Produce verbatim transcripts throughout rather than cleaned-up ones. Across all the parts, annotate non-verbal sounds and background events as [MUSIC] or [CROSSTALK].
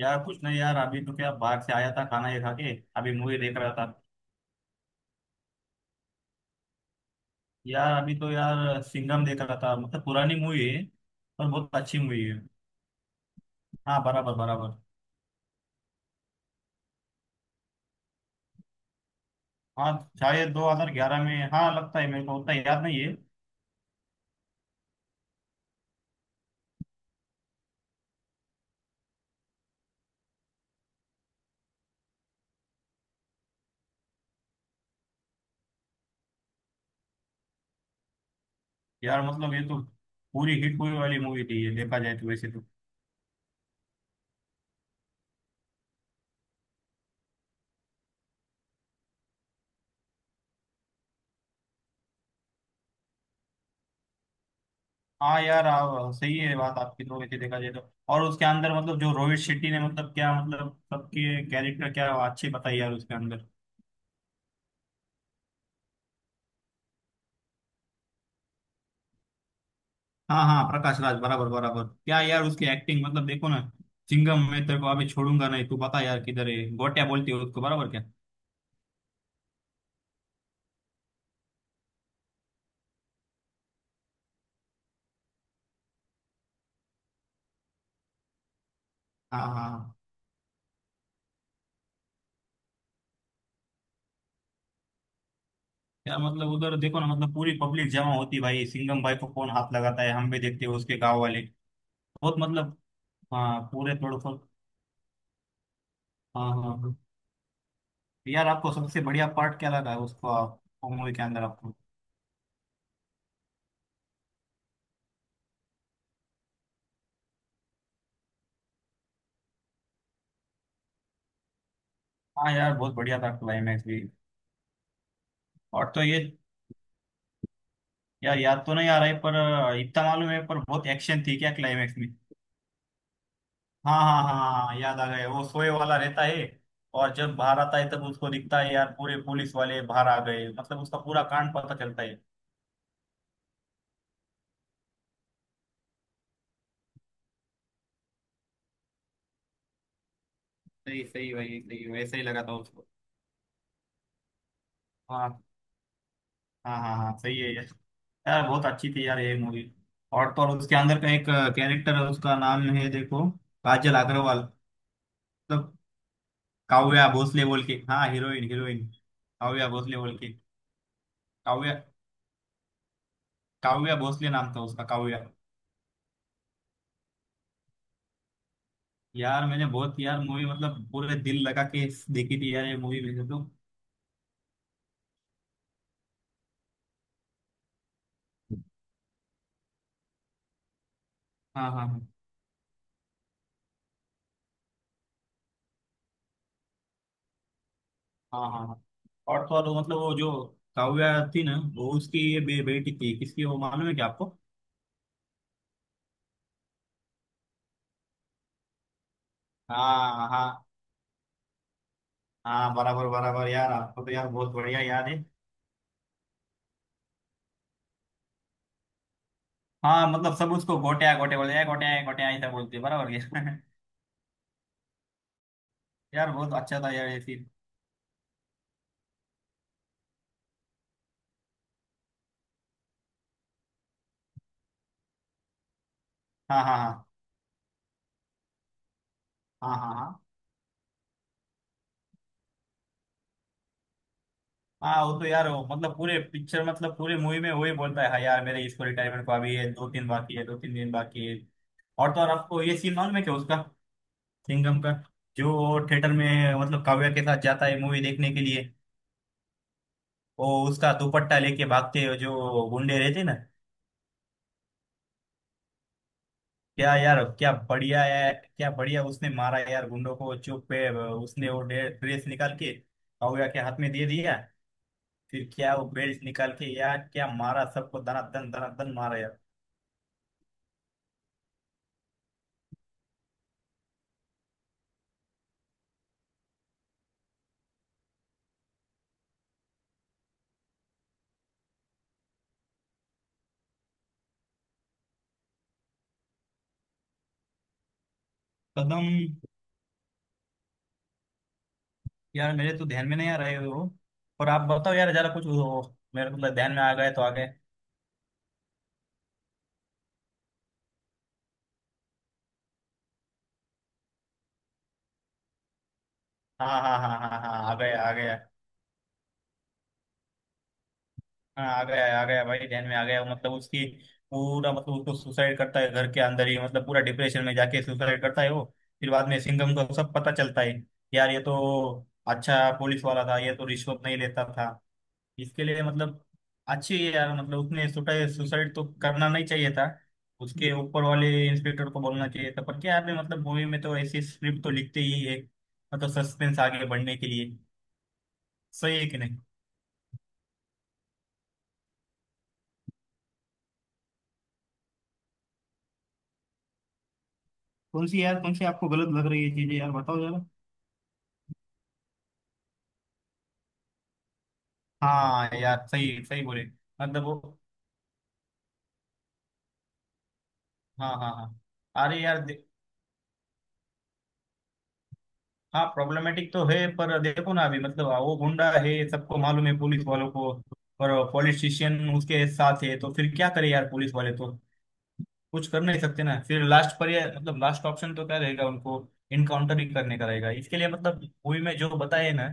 यार कुछ नहीं यार। अभी तो क्या, बाहर से आया था खाना ये खा के। अभी मूवी देख रहा था। यार अभी तो यार सिंघम देख रहा था। मतलब पुरानी मूवी है पर बहुत अच्छी मूवी है। हाँ, बराबर बराबर। हाँ, शायद दो हजार ग्यारह में। हाँ, लगता है मेरे को उतना याद नहीं है। यार मतलब ये तो पूरी हिट हुई वाली मूवी थी ये, देखा जाए तो वैसे तो। हाँ यार, आप- सही है बात आपकी तो, वैसे देखा जाए तो। और उसके अंदर मतलब जो रोहित शेट्टी ने, मतलब क्या मतलब, सबके कैरेक्टर क्या अच्छे बताए यार उसके अंदर। हाँ हाँ, प्रकाश राज बराबर बराबर, क्या यार उसकी एक्टिंग, मतलब देखो ना। चिंगम मैं तेरे को अभी छोड़ूंगा नहीं, तू बता यार किधर है, गोटिया बोलती है उसको, बराबर क्या। हाँ हाँ। यार मतलब उधर देखो ना, मतलब पूरी पब्लिक जमा होती है भाई, सिंघम भाई को कौन हाथ लगाता है हम भी देखते हैं, उसके गांव वाले। बहुत मतलब। हाँ पूरे थोड़ा सा। हाँ हाँ हाँ। यार आपको सबसे बढ़िया पार्ट क्या लगा उसको मूवी के अंदर आपको? हाँ यार, बहुत बढ़िया था क्लाइमैक्स भी। और तो ये। यार याद तो नहीं आ रहा है पर अ, इतना मालूम है, पर बहुत एक्शन थी क्या क्लाइमैक्स में। हाँ हाँ हाँ हाँ, हाँ, याद आ गए। वो सोए वाला रहता है। और जब बाहर आता है तब उसको दिखता है यार, पूरे पुलिस वाले बाहर आ गए, मतलब उसका पूरा कांड पता चलता है। सही सही, वही सही, वैसे ही लगा था उसको। हाँ हाँ हाँ हाँ, सही है यार। यार बहुत अच्छी थी यार ये मूवी। और तो और उसके अंदर का एक कैरेक्टर है, उसका नाम है देखो, काजल अग्रवाल, मतलब। काव्या भोसले बोल के। हाँ, हीरोइन हीरोइन। काव्या भोसले बोल के। काव्या, काव्या भोसले नाम था उसका, काव्या। यार मैंने बहुत यार, मूवी मतलब पूरे दिल लगा के देखी थी यार, ये मूवी मैंने तो। हाँ हाँ हाँ हाँ हाँ हाँ। और तो और वो मतलब वो जो काव्या थी ना, वो उसकी ये बे, बेटी थी किसकी वो मालूम है क्या आपको? हाँ हाँ हाँ, बराबर बराबर यार, आपको तो यार बहुत बढ़िया याद है। हाँ मतलब सब उसको गोटिया गोटे बोलते हैं, गोटिया गोटिया ऐसा बोलते हैं, बराबर यार। [LAUGHS] यार बहुत अच्छा था यार ये सीन। हाँ हाँ हाँ हाँ हाँ हाँ। हाँ वो तो यार, वो, मतलब पूरे पिक्चर, मतलब पूरे मूवी में वही बोलता है, हाँ यार मेरे इसको रिटायरमेंट को अभी है, दो तीन बाकी है, दो तीन दिन बाकी है। और तो और आपको ये सीन मालूम है क्या उसका, सिंघम का, जो वो थिएटर में मतलब काव्या के साथ जाता है मूवी देखने के लिए। वो उसका दुपट्टा लेके भागते हैं जो गुंडे रहते हैं ना। क्या यार, क्या बढ़िया है, क्या बढ़िया उसने मारा यार गुंडों को, चुप पे उसने वो ड्रेस निकाल के काव्या के हाथ में दे दिया। फिर क्या वो बेल्ट निकाल के यार, क्या मारा सबको, धनाधन धनाधन मारा यार। कदम? यार मेरे तो ध्यान में नहीं आ रहे हो। और आप बताओ यार जरा कुछ, वो, मेरे को तो ध्यान में आ गए तो आ गए। हाँ हाँ हाँ हाँ हाँ हाँ, आ गया आ गया। हाँ आ गया आ गया भाई, ध्यान में आ गया, मतलब उसकी पूरा, मतलब उसको सुसाइड करता है घर के अंदर ही, मतलब पूरा डिप्रेशन में जाके सुसाइड करता है वो। फिर बाद में सिंघम को सब पता चलता है। यार ये तो अच्छा पुलिस वाला था, ये तो रिश्वत नहीं लेता था इसके लिए मतलब। अच्छी है यार, मतलब उसने सुसाइड सुसाइड तो करना नहीं चाहिए था। उसके ऊपर वाले इंस्पेक्टर को बोलना चाहिए था, पर क्या आपने, मतलब मूवी में तो ऐसी स्क्रिप्ट तो लिखते ही है, मतलब सस्पेंस आगे बढ़ने के लिए। सही है कि नहीं? कौन सी यार, कौन सी आपको गलत लग रही है चीजें यार, बताओ जरा। हाँ यार, सही सही बोले। मतलब वो। हाँ हाँ हाँ। अरे यार दे- हाँ प्रॉब्लमेटिक तो है, पर देखो ना अभी मतलब वो गुंडा है, सबको मालूम है पुलिस वालों को। पर पॉलिटिशियन उसके साथ है तो फिर क्या करे यार पुलिस वाले तो, कुछ कर नहीं सकते ना, फिर लास्ट पर ये मतलब लास्ट ऑप्शन तो क्या रहेगा उनको। इनकाउंटर ही करने का रहेगा इसके लिए मतलब, मूवी में जो बताया है ना।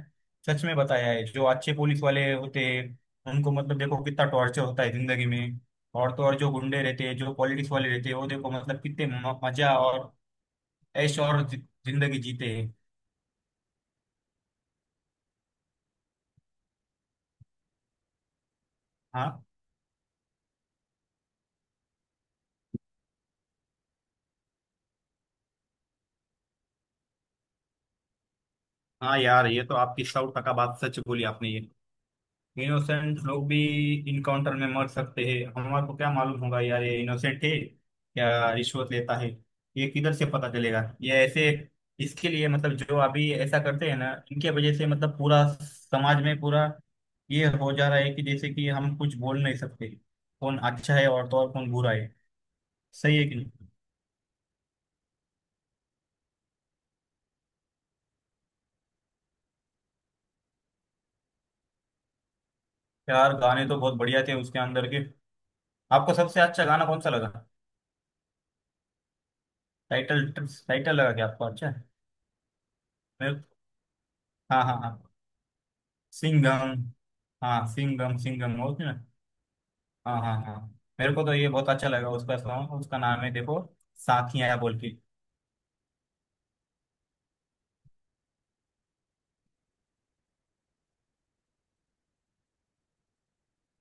सच में बताया है, जो अच्छे पुलिस वाले होते हैं उनको मतलब देखो कितना टॉर्चर होता है जिंदगी में। और तो और जो गुंडे रहते हैं, जो पॉलिटिक्स वाले रहते हैं, वो देखो मतलब कितने म- मजा और ऐश और जि- जिंदगी जीते हैं। हाँ हाँ यार, ये तो आपकी सौ टका बात सच बोली आपने ये। इनोसेंट लोग भी इनकाउंटर में मर सकते हैं, हमारे को क्या मालूम होगा यार ये इनोसेंट है या रिश्वत लेता है, ये किधर से पता चलेगा ये ऐसे। इसके लिए मतलब, जो अभी ऐसा करते हैं ना, इनके वजह से मतलब पूरा समाज में पूरा ये हो जा रहा है कि जैसे कि हम कुछ बोल नहीं सकते कौन अच्छा है, और तो और कौन बुरा है। सही है कि नहीं? यार गाने तो बहुत बढ़िया थे उसके अंदर के। आपको सबसे अच्छा गाना कौन सा लगा? टाइटल टाइटल लगा क्या आपको अच्छा? मेरे। हाँ हाँ हाँ, सिंघम। हाँ, सिंघम सिंघम हो उसमें। हाँ हाँ हाँ। मेरे को तो ये बहुत अच्छा लगा उसका सॉन्ग, उसका नाम है देखो, साथिया बोल के।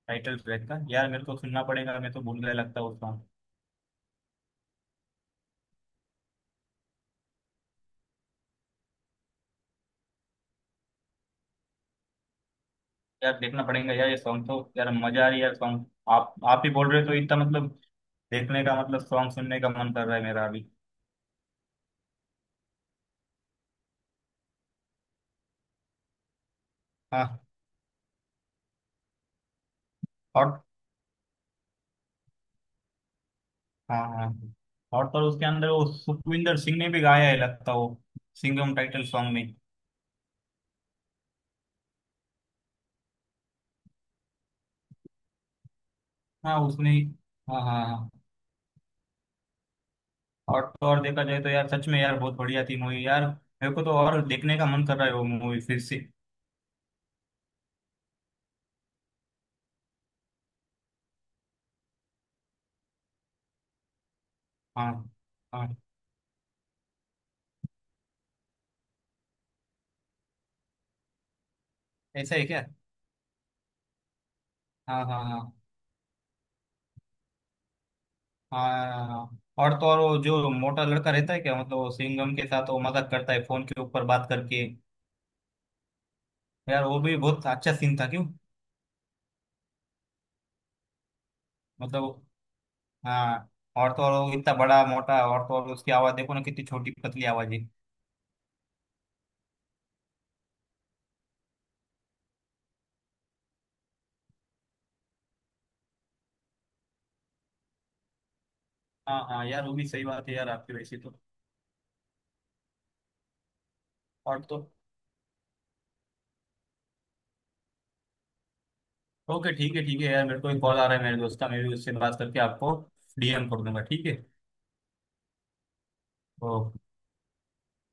टाइटल ट्रैक का यार, मेरे को सुनना पड़ेगा, मैं तो भूल गया लगता है उस सॉन्ग। यार देखना पड़ेगा यार ये सॉन्ग तो यार, मजा आ रही है यार सॉन्ग। आप आप ही बोल रहे हो तो इतना मतलब, देखने का मतलब सॉन्ग सुनने का मन कर रहा है मेरा अभी। हाँ और। हाँ हाँ। और तो उसके अंदर वो सुखविंदर सिंह ने भी गाया है लगता है वो, सिंघम टाइटल सॉन्ग में। हाँ उसने। हाँ हाँ हाँ। और तो और देखा जाए तो यार, सच में यार बहुत बढ़िया थी मूवी यार, मेरे को तो और देखने का मन कर रहा है वो मूवी फिर से। हाँ हाँ। ऐसा है क्या? हाँ हाँ हाँ। हाँ हाँ। और तो और वो जो मोटा लड़का रहता है क्या मतलब, वो सिंघम के साथ वो मजाक करता है फोन के ऊपर बात करके। यार वो भी बहुत अच्छा सीन था क्यों। मतलब। हाँ और तो और वो इतना बड़ा मोटा, और तो और उसकी आवाज देखो ना कितनी छोटी पतली आवाज है। हाँ हाँ यार, वो भी सही बात है यार आपकी वैसे तो। और तो। ओके ठीक है ठीक है यार, मेरे को एक कॉल आ रहा है मेरे दोस्त का, मैं भी उससे बात करके आपको डी एम कर दूंगा, ठीक है? ओके।